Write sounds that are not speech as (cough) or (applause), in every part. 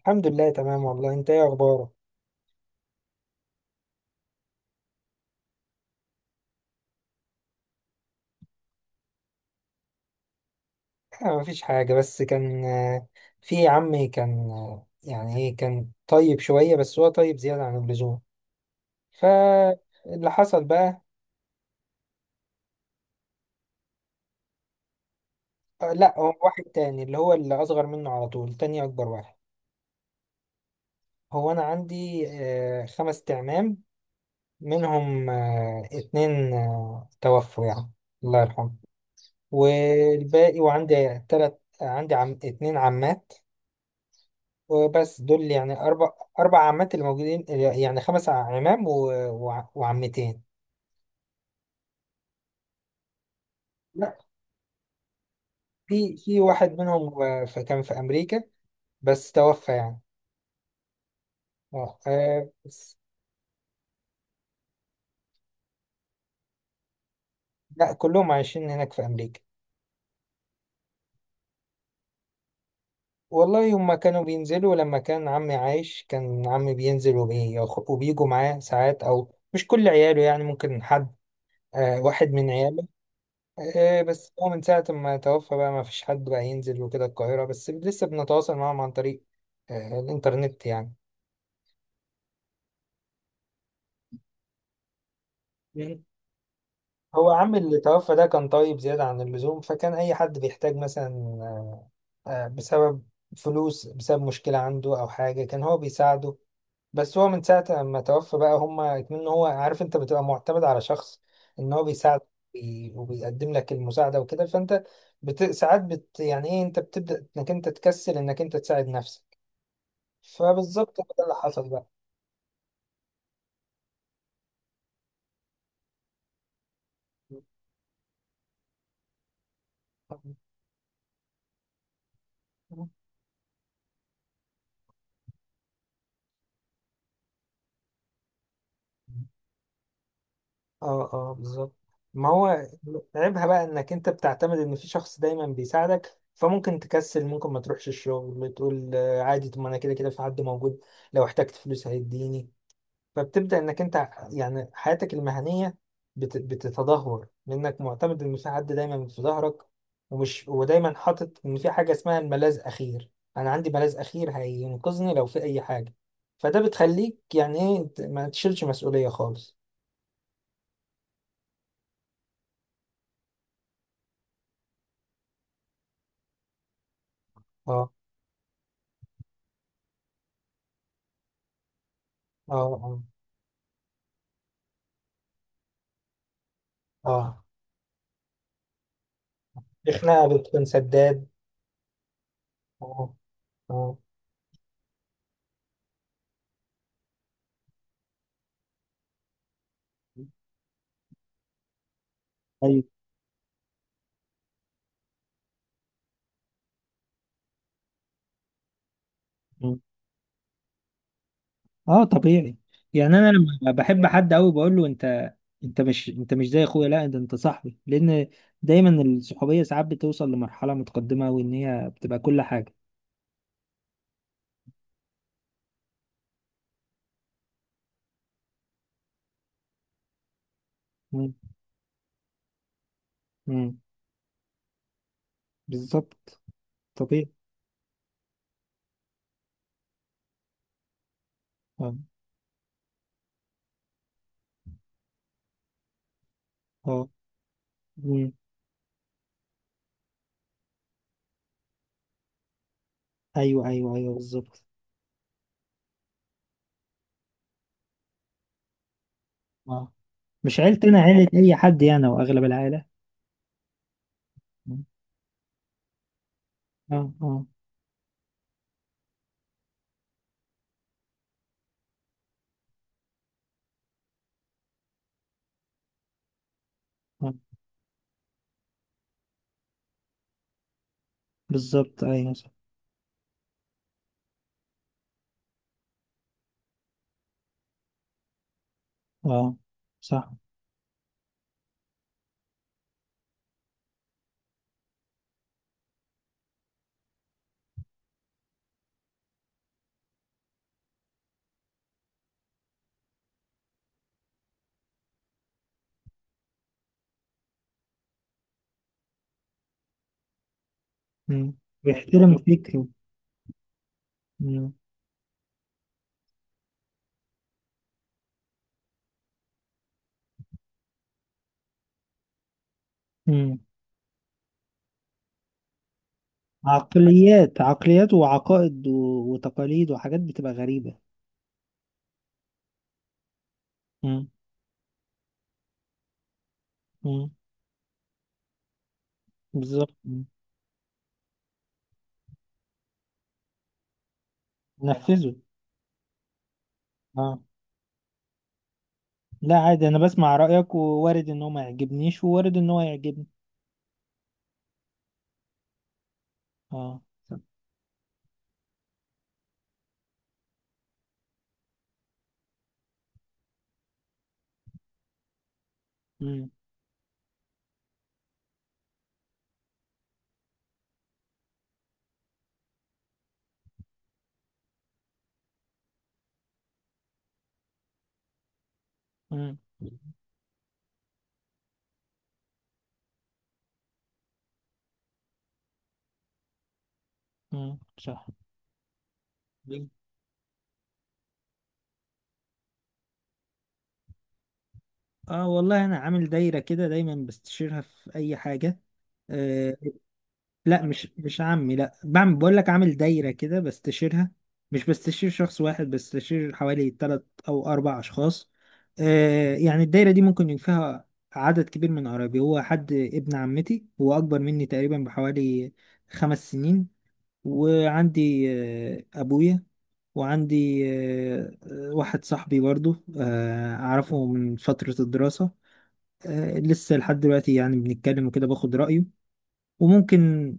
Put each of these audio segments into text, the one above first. الحمد لله، تمام والله. انت ايه اخبارك؟ مفيش حاجه، بس كان في عمي، كان يعني ايه، كان طيب شويه، بس هو طيب زياده عن اللزوم، فاللي حصل بقى. لا، هو واحد تاني، اللي هو اللي اصغر منه على طول، تاني اكبر واحد. هو انا عندي خمس تعمام، منهم اتنين توفوا يعني، الله يرحمه. والباقي، وعندي تلات، عندي عم، اتنين عمات، وبس دول، يعني أربع عمات اللي موجودين، يعني خمس عمام وعمتين. لا، في واحد منهم كان في أمريكا، بس توفى يعني. اه بس. لا، كلهم عايشين هناك في أمريكا. والله، هما كانوا بينزلوا لما كان عمي عايش، كان عمي بينزل وبيجوا معاه ساعات، أو مش كل عياله يعني، ممكن حد، واحد من عياله. إيه، بس هو من ساعة ما توفى بقى، ما فيش حد بقى ينزل وكده القاهرة، بس لسه بنتواصل معاهم عن طريق الإنترنت يعني. مم. هو عم اللي توفى ده كان طيب زيادة عن اللزوم، فكان أي حد بيحتاج مثلا بسبب فلوس، بسبب مشكلة عنده أو حاجة، كان هو بيساعده. بس هو من ساعة ما توفى بقى، هما اتمنوا، هو عارف، أنت بتبقى معتمد على شخص إن هو بيساعد وبيقدم لك المساعدة وكده، فأنت يعني إيه، أنت بتبدأ إنك أنت تكسل، إنك أنت تساعد نفسك، فبالظبط هو ده اللي حصل بقى. اه اه، بالظبط. ما هو عيبها بقى انك انت بتعتمد ان في شخص دايما بيساعدك، فممكن تكسل، ممكن ما تروحش الشغل، تقول عادي، طب ما انا كده كده في حد موجود، لو احتجت فلوس هيديني. فبتبدأ انك انت يعني حياتك المهنية بتتدهور، لانك معتمد ان في حد دايما في ظهرك، ومش ودايما حاطط ان في حاجة اسمها الملاذ اخير، انا عندي ملاذ اخير هينقذني لو في اي حاجة، فده بتخليك يعني ايه، ما تشيلش مسؤولية خالص. اه اه اه اه. الخناقة بتكون سداد. اه اه، ايوه، اه، طبيعي. يعني انا لما بحب حد قوي بقول له انت، انت مش زي اخويا، لا ده انت صاحبي، لان دايما الصحوبيه ساعات بتوصل لمرحله متقدمه، وان هي بتبقى كل حاجه. مم. مم. بالظبط، طبيعي. اه اه. مم. ايوه ايوه ايوه، بالظبط. اه، مش عيلتنا عيله اي حد يعني، واغلب العائله. مم. اه اه اه، بالظبط، ايوه، صح. اه، صح. مم. بيحترم فكره. مم. مم. عقليات عقليات وعقائد وتقاليد وحاجات بتبقى غريبة. مم. مم. بالظبط. مم. نفذه. اه، لا عادي، انا بسمع رأيك، ووارد ان هو ما يعجبنيش، ووارد ان هو يعجبني. اه. صح. مم. مم. مم. صح. اه والله، انا عامل دايرة كده دايما بستشيرها في اي حاجة. آه، لا، مش عمي، لا بعمل، بقول لك عامل دايرة كده بستشيرها. مش بستشير شخص واحد، بستشير حوالي تلات أو أربع أشخاص. آه، يعني الدايرة دي ممكن يكون فيها عدد كبير من قرايبي. هو حد ابن عمتي، هو أكبر مني تقريبا بحوالي 5 سنين. وعندي آه، أبويا. وعندي واحد صاحبي برضو، آه، أعرفه من فترة الدراسة، آه لسه لحد دلوقتي يعني بنتكلم وكده، باخد رأيه. وممكن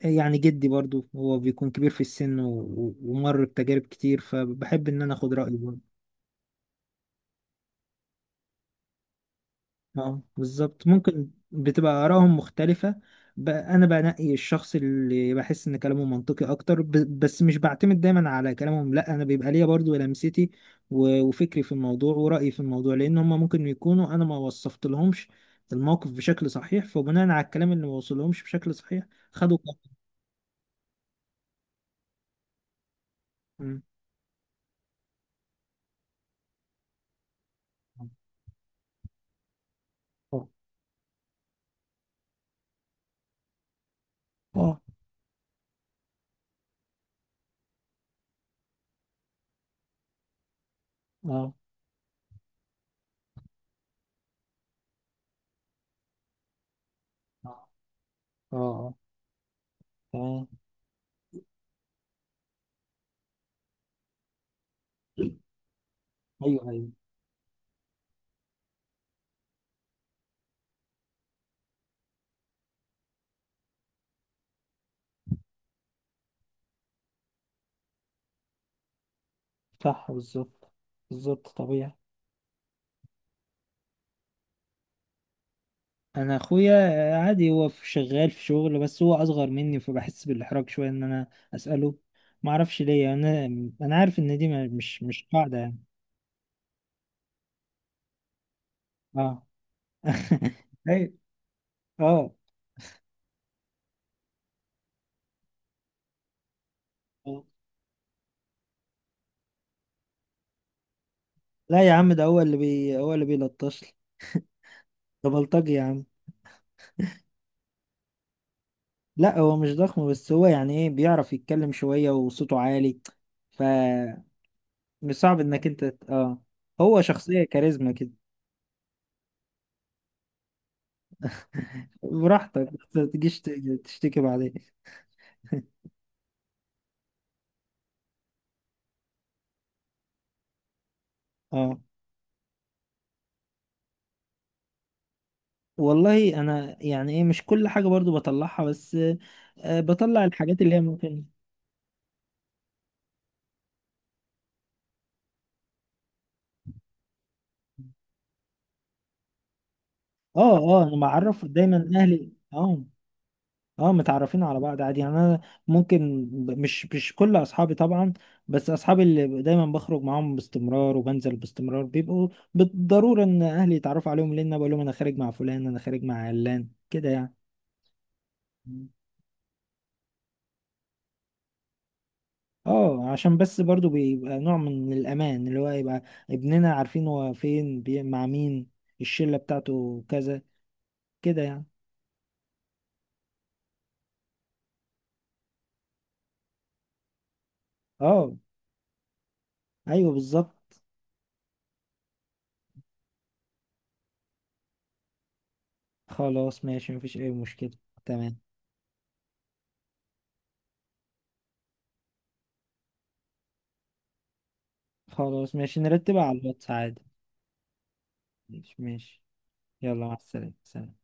يعني جدي برضو، هو بيكون كبير في السن، ومر بتجارب كتير، فبحب ان انا اخد رأيه برضو. اه، بالظبط، ممكن بتبقى آرائهم مختلفة. انا بنقي الشخص اللي بحس ان كلامه منطقي اكتر. بس مش بعتمد دايما على كلامهم، لا انا بيبقى ليا برضو لمستي وفكري في الموضوع ورأيي في الموضوع، لان هم ممكن يكونوا انا ما وصفت لهمش الموقف بشكل صحيح، فبناء على الكلام اللي ما وصلهمش بشكل صحيح خدوا قرار. مم. اه اه اه اه. آه. تمام. ايوه ايوه، صح، بالظبط. بالظبط، طبيعي. انا اخويا عادي، هو شغال في شغل، بس هو اصغر مني، فبحس بالاحراج شويه ان انا اساله، ما اعرفش ليه انا. انا عارف ان دي مش قاعده يعني. اه. (laughs) ايوه. اه. آه. لا يا عم، ده هو اللي بي هو اللي بيلطش لي، ده بلطجي يا عم. لا هو مش ضخم، بس هو يعني ايه بيعرف يتكلم شويه وصوته عالي، ف، مش صعب انك انت اه. هو شخصيه كاريزما كده. براحتك، بس ما تجيش تشتكي بعدين. اه والله، انا يعني ايه، مش كل حاجه برضو بطلعها، بس آه، بطلع الحاجات اللي هي ممكن. اه اه، انا معرف دايما اهلي، اه. اه، متعرفين على بعض عادي يعني. انا ممكن، مش كل اصحابي طبعا، بس اصحابي اللي دايما بخرج معاهم باستمرار وبنزل باستمرار بيبقوا بالضروره ان اهلي يتعرفوا عليهم، لان أنا بقول لهم انا خارج مع فلان، انا خارج مع علان كده يعني. اه، عشان بس برضو بيبقى نوع من الأمان، اللي هو يبقى ابننا عارفين هو فين، مع مين، الشلة بتاعته كذا كده يعني. اه، ايوه، بالظبط. خلاص ماشي، مفيش أي مشكلة. تمام. خلاص ماشي، نرتبها على الواتس عادي. ماشي ماشي. يلا مع السلامة، سلام.